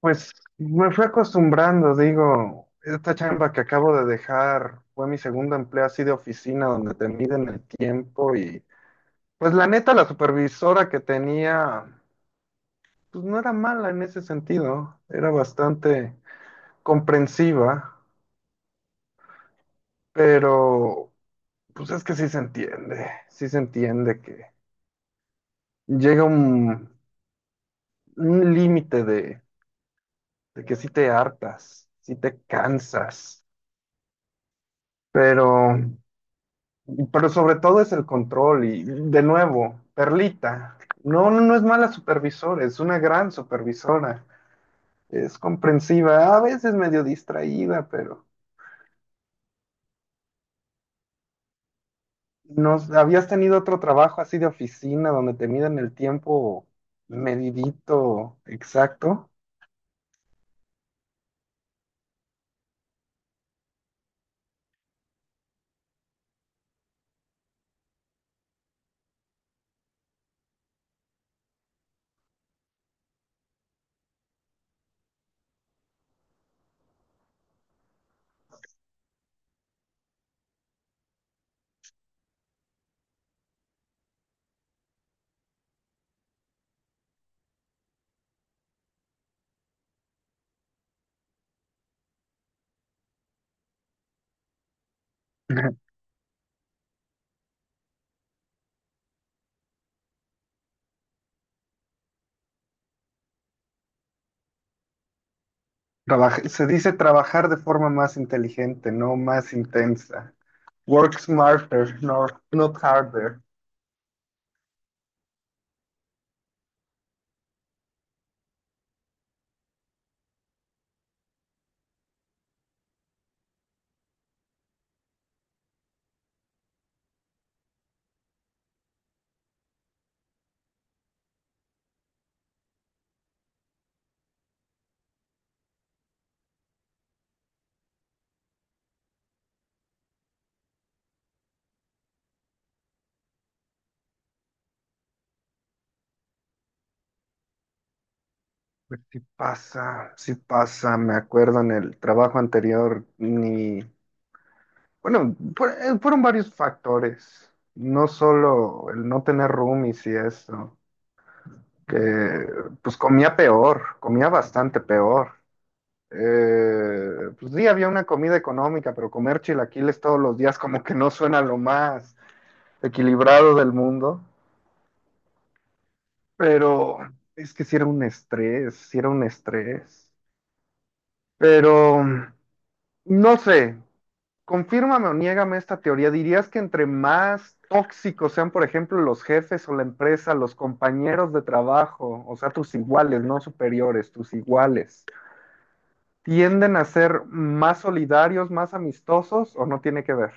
Pues me fui acostumbrando, digo, esta chamba que acabo de dejar fue mi segundo empleo así de oficina donde te miden el tiempo. Y pues la neta la supervisora que tenía pues no era mala en ese sentido, era bastante comprensiva. Pero pues es que sí se entiende que llega un límite de, que sí te hartas, sí te cansas, pero... Pero sobre todo es el control y, de nuevo, Perlita, no, no, no es mala supervisora, es una gran supervisora, es comprensiva, a veces medio distraída, pero nos, habías tenido otro trabajo así de oficina donde te miden el tiempo medidito, exacto. Trabaja- se dice trabajar de forma más inteligente, no más intensa. Work smarter, no, not harder. Pues sí pasa, me acuerdo en el trabajo anterior, ni, bueno, fueron varios factores, no solo el no tener roomies y eso, que pues comía peor, comía bastante peor. Pues sí, había una comida económica, pero comer chilaquiles todos los días como que no suena lo más equilibrado del mundo, pero es que sí era un estrés, sí era un estrés, pero... No sé, confírmame o niégame esta teoría. ¿Dirías que entre más tóxicos sean, por ejemplo, los jefes o la empresa, los compañeros de trabajo, o sea, tus iguales, no superiores, tus iguales, tienden a ser más solidarios, más amistosos, o no tiene que ver?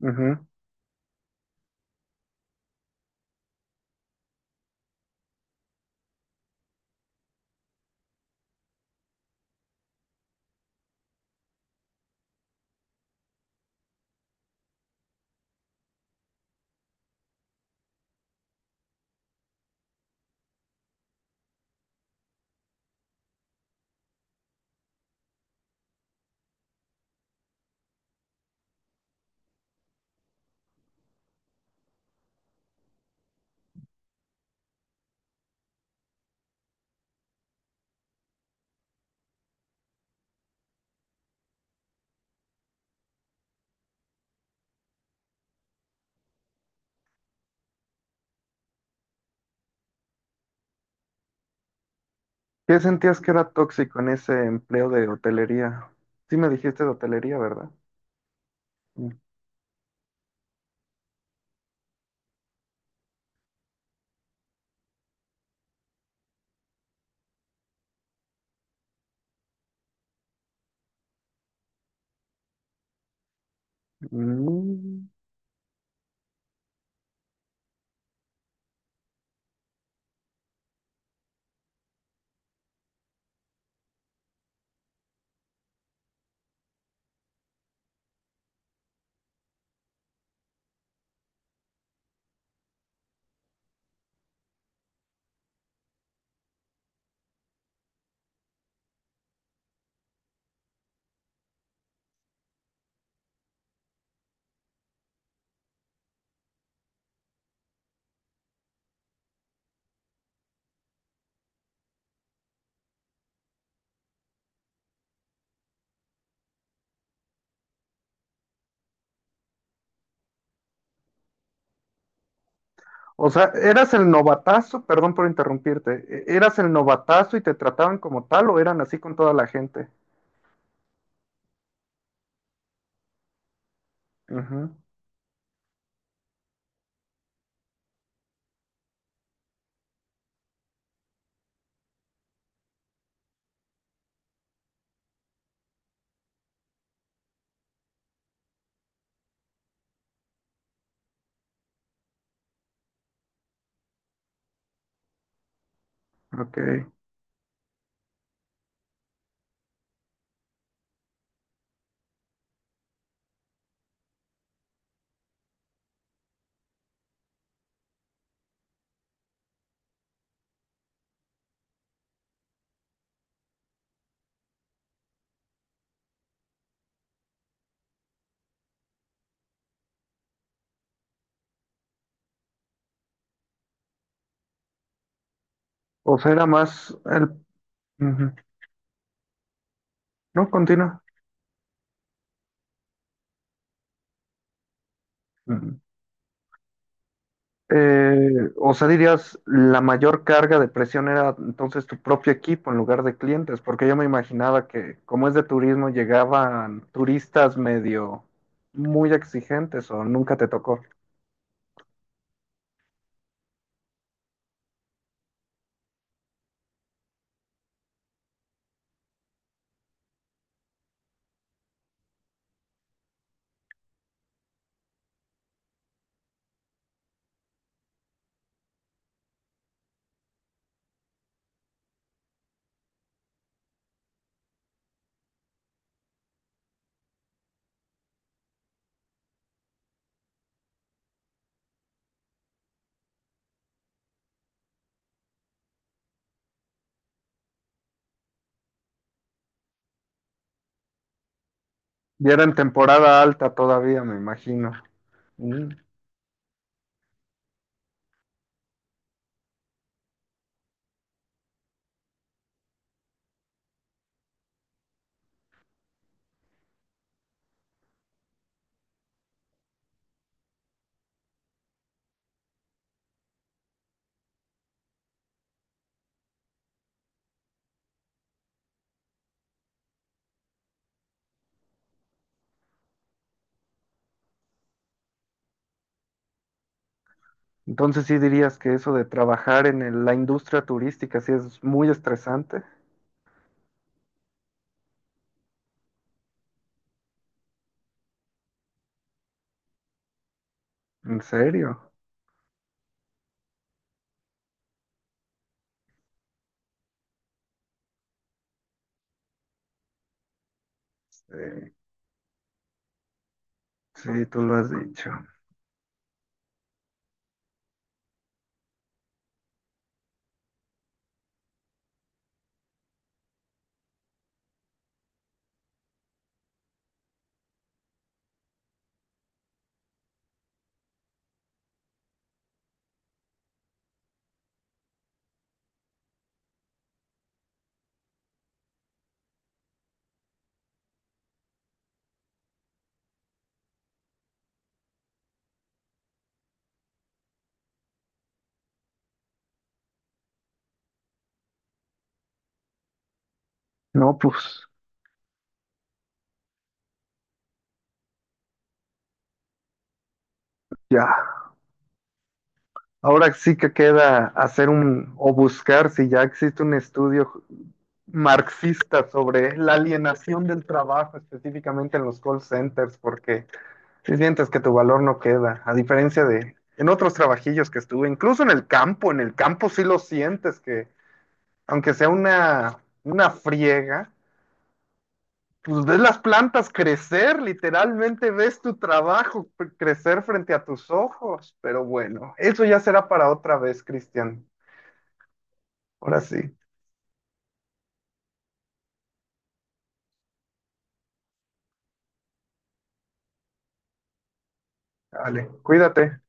Ujú, ujú. ¿Qué sentías que era tóxico en ese empleo de hotelería? Sí me dijiste de hotelería, ¿verdad? Mm. O sea, ¿eras el novatazo? Perdón por interrumpirte, ¿eras el novatazo y te trataban como tal, o eran así con toda la gente? Ujú, ok. O sea, era más el... Ujú. No, continúa. Ujú. O sea, dirías, ¿la mayor carga de presión era entonces tu propio equipo en lugar de clientes? Porque yo me imaginaba que como es de turismo llegaban turistas medio muy exigentes, ¿o nunca te tocó? Y era en temporada alta todavía, me imagino. Mm. Entonces, ¿sí dirías que eso de trabajar en el- la industria turística sí es muy estresante? ¿En serio? Sí, sí, tú lo has dicho. No, pues ya. Ahora sí que queda hacer un o buscar si ya existe un estudio marxista sobre la alienación del trabajo, específicamente en los call centers, porque si sientes que tu valor no queda, a diferencia de en otros trabajillos que estuve, incluso en el campo sí lo sientes que, aunque sea una friega, pues ves las plantas crecer, literalmente ves tu trabajo p- crecer frente a tus ojos. Pero bueno, eso ya será para otra vez, Cristian. Ahora sí, vale, cuídate.